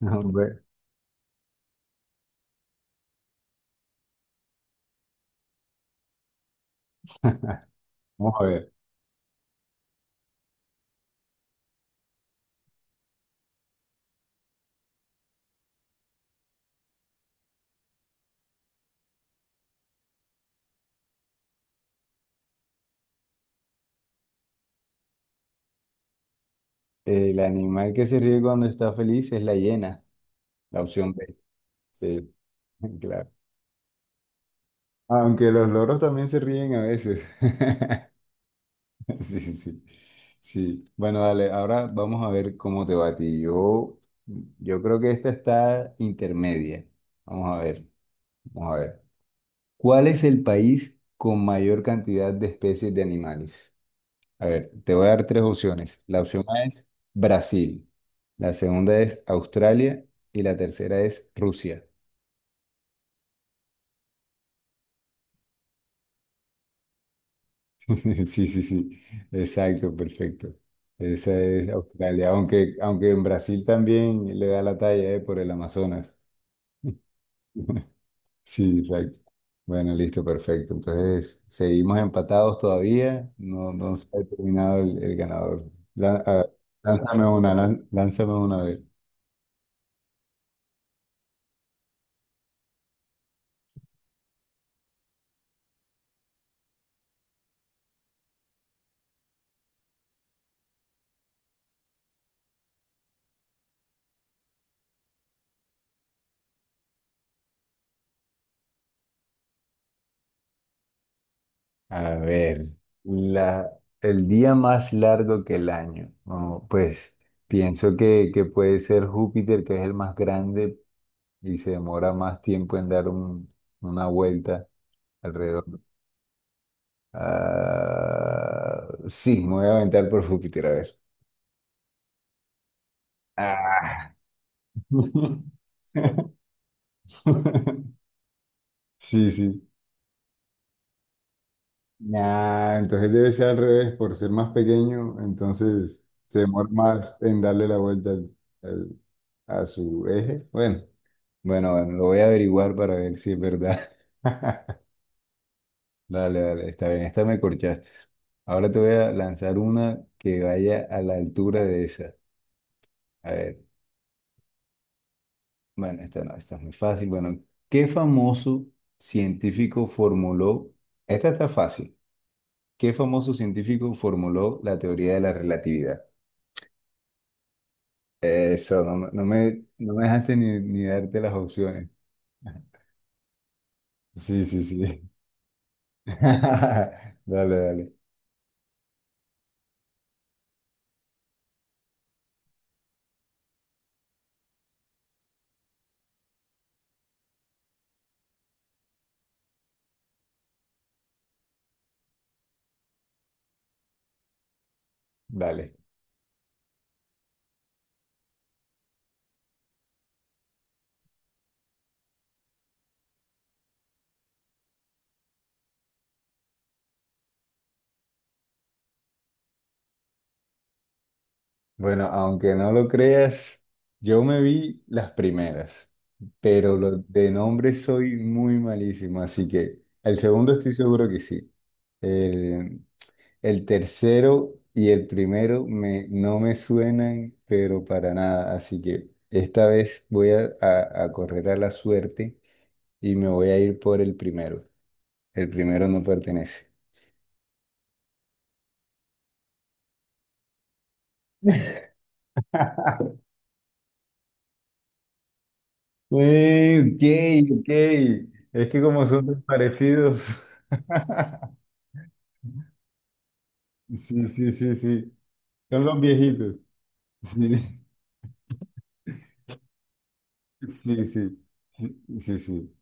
No, hombre, vamos a ver. El animal que se ríe cuando está feliz es la hiena, la opción B. Sí, claro. Aunque los loros también se ríen a veces. Sí, sí, sí. Sí. Bueno, dale, ahora vamos a ver cómo te va a ti. Yo creo que esta está intermedia. Vamos a ver, vamos a ver. ¿Cuál es el país con mayor cantidad de especies de animales? A ver, te voy a dar tres opciones. La opción A es Brasil, la segunda es Australia y la tercera es Rusia. Sí, sí, sí. Exacto, perfecto. Esa es Australia, aunque en Brasil también le da la talla, por el Amazonas. Sí, exacto. Bueno, listo, perfecto. Entonces, seguimos empatados todavía. No, no se ha determinado el ganador. Lánzame una, lánzame una vez. A ver, la, el día más largo que el año. No, pues pienso que puede ser Júpiter, que es el más grande y se demora más tiempo en una vuelta alrededor. Ah, sí, me voy a aventar por Júpiter, a ver. Ah. Sí, sí. Nah, entonces debe ser al revés, por ser más pequeño, entonces se demora más en darle la vuelta al, a su eje. Bueno, bueno, lo voy a averiguar para ver si es verdad. Dale, dale, está bien, esta me corchaste. Ahora te voy a lanzar una que vaya a la altura de esa. A ver, bueno, esta no, esta es muy fácil. Bueno, ¿qué famoso científico formuló? Esta está fácil. ¿Qué famoso científico formuló la teoría de la relatividad? Eso, no, no me dejaste ni darte las opciones. Sí, sí, sí. Dale, dale. Bueno, aunque no lo creas, yo me vi las primeras, pero lo de nombre soy muy malísimo, así que el segundo estoy seguro que sí. El, el tercero y el primero no me suenan, pero para nada, así que esta vez voy a correr a la suerte y me voy a ir por el primero. El primero no pertenece. Ok, ok. Es que como son tan parecidos. Sí, sí, sí, sí. Son los viejitos. Sí, sí, sí. Sí, sí.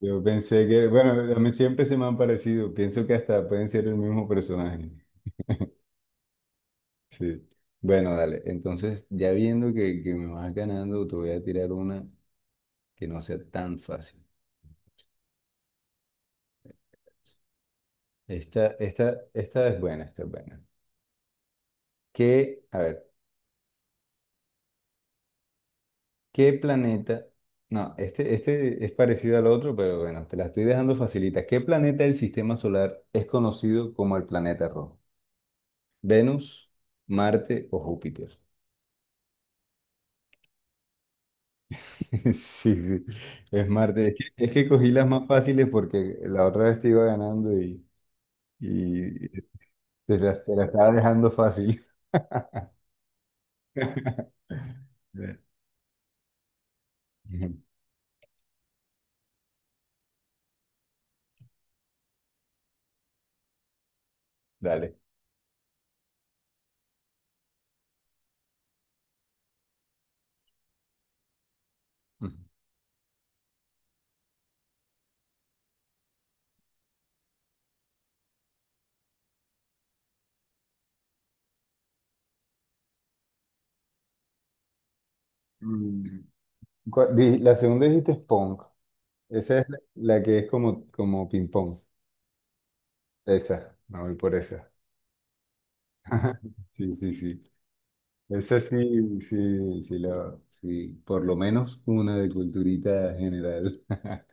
Yo pensé que, bueno, a mí siempre se me han parecido. Pienso que hasta pueden ser el mismo personaje. Sí. Bueno, dale. Entonces, ya viendo que me vas ganando, te voy a tirar una que no sea tan fácil. Esta es buena, esta es buena. Que, a ver. ¿Qué planeta? No, este es parecido al otro, pero bueno, te la estoy dejando facilita. ¿Qué planeta del sistema solar es conocido como el planeta rojo? ¿Venus, Marte o Júpiter? Sí, sí, es Marte. Es que cogí las más fáciles porque la otra vez te iba ganando y te la estaba dejando fácil. Bien. Ujú. Dale. Ujú. Mm, la segunda dijiste es pong. Esa es la que es como, como ping-pong. Esa, me voy por esa. Sí, sí, sí. Esa sí, sí, sí, sí, por lo menos una de culturita general.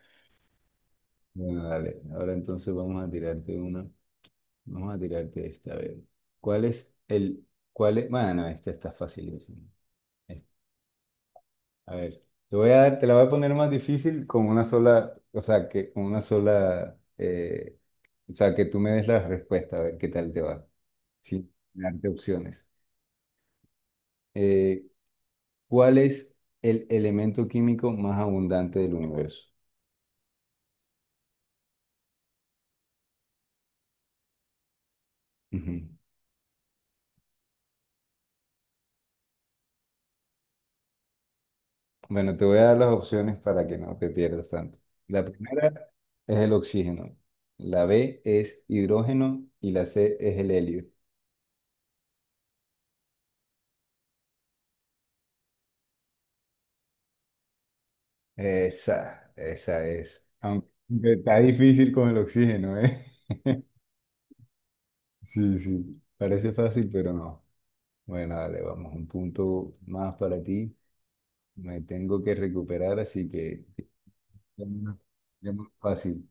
Bueno, dale. Ahora entonces vamos a tirarte una. Vamos a tirarte esta, a ver. ¿Cuál es el, ¿cuál es? Bueno, esta está facilísima. Es- A ver, te voy a dar, te la voy a poner más difícil con una sola, o sea, que con una sola, o sea, que tú me des la respuesta, a ver qué tal te va, sin darte opciones. Eh, ¿Cuál es el elemento químico más abundante del universo? Ujú. Bueno, te voy a dar las opciones para que no te pierdas tanto. La primera es el oxígeno, la B es hidrógeno y la C es el helio. Esa es. Aunque está difícil con el oxígeno, ¿eh? Sí, sí. Parece fácil, pero no. Bueno, dale, vamos, un punto más para ti. Me tengo que recuperar, así que... ya más- ya más fácil.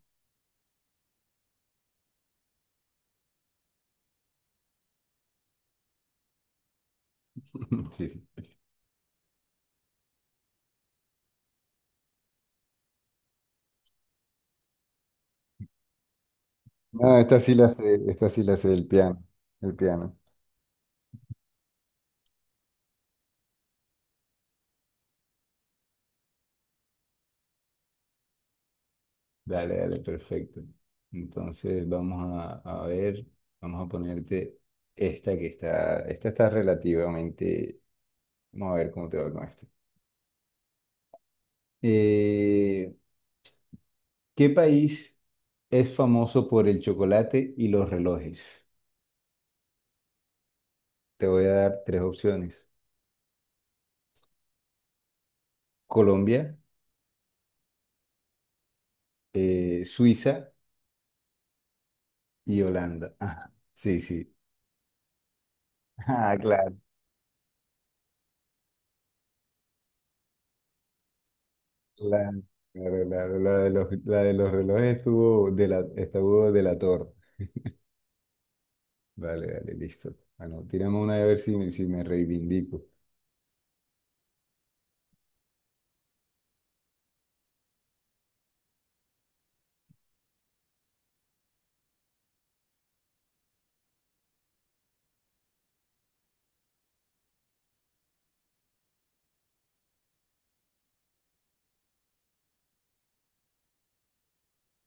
Sí, sí. No, esta sí la sé, esta sí la sé, el piano, el piano. Dale, dale, perfecto. Entonces vamos a ver, vamos a ponerte esta está relativamente, vamos a ver cómo te va con esto. Eh, ¿Qué país es famoso por el chocolate y los relojes? Te voy a dar tres opciones. Colombia, Suiza y Holanda. Ajá, sí, sí. Ah, claro. La, claro, claro, la de la de los relojes estuvo de la torre. Dale, dale, listo. Bueno, tírame una a ver si me reivindico.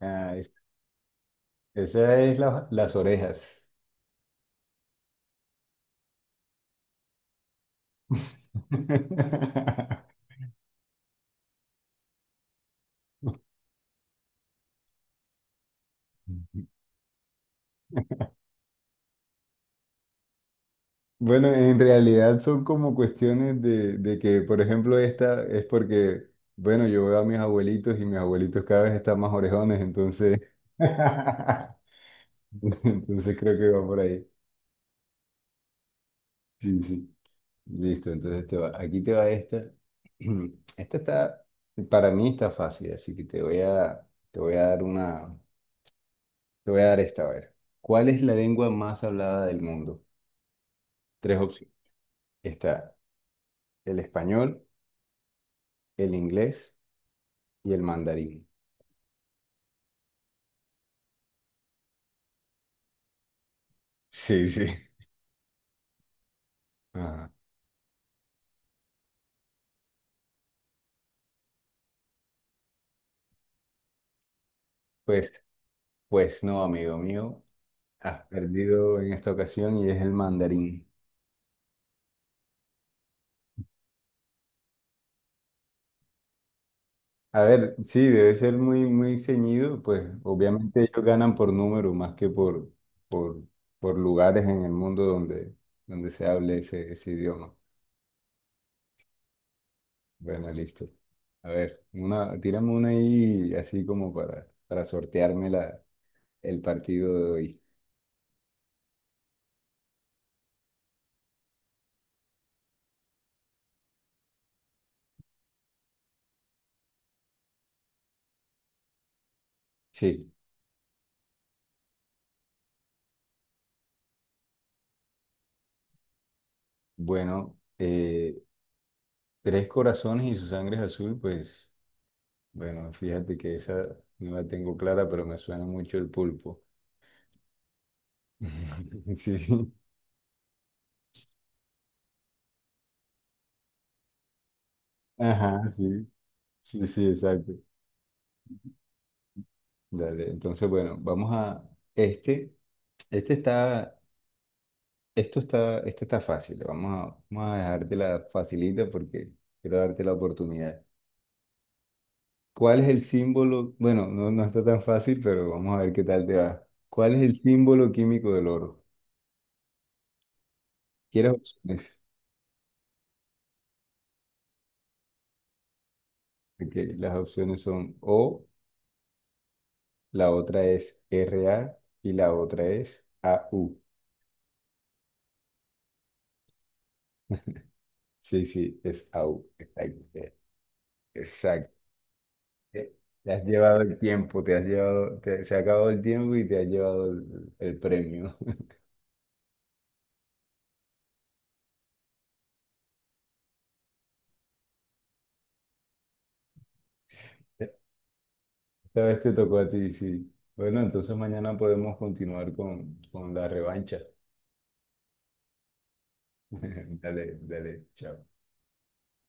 Ah, esa es las orejas. Bueno, en realidad son como cuestiones de que, por ejemplo, esta es porque, bueno, yo veo a mis abuelitos y mis abuelitos cada vez están más orejones, entonces, entonces creo que va por ahí. Sí, sí. Listo, entonces aquí te va esta. Esta está, para mí está fácil, así que te voy te voy a dar una, te voy a dar esta, a ver. ¿Cuál es la lengua más hablada del mundo? Tres opciones. Está el español, el inglés y el mandarín. Sí, sí. Ajá. Pues, pues no, amigo mío, has perdido en esta ocasión y es el mandarín. A ver, sí, debe ser muy, muy ceñido, pues obviamente ellos ganan por número más que por, por lugares en el mundo donde, donde se hable ese, ese idioma. Bueno, listo. A ver, una, tírame una ahí así como para sortearme el partido de hoy. Sí, bueno, tres corazones y su sangre es azul, pues bueno, fíjate que esa no la tengo clara, pero me suena mucho el pulpo. Sí, ajá, sí. Sí, sí, exacto. Dale, entonces, bueno, vamos a este. Este está, este está fácil. Vamos a, vamos a dejártela facilita porque quiero darte la oportunidad. ¿Cuál es el símbolo? Bueno, no, no está tan fácil, pero vamos a ver qué tal te va. ¿Cuál es el símbolo químico del oro? ¿Quieres opciones? Ok, las opciones son O, la otra es RA y la otra es AU. Sí, sí, es AU. Exacto. Te te has llevado el tiempo, te has llevado, se ha acabado el tiempo y te has llevado el premio. Esta vez te tocó a ti, sí. Bueno, entonces mañana podemos continuar con la revancha. Dale, dale, chao.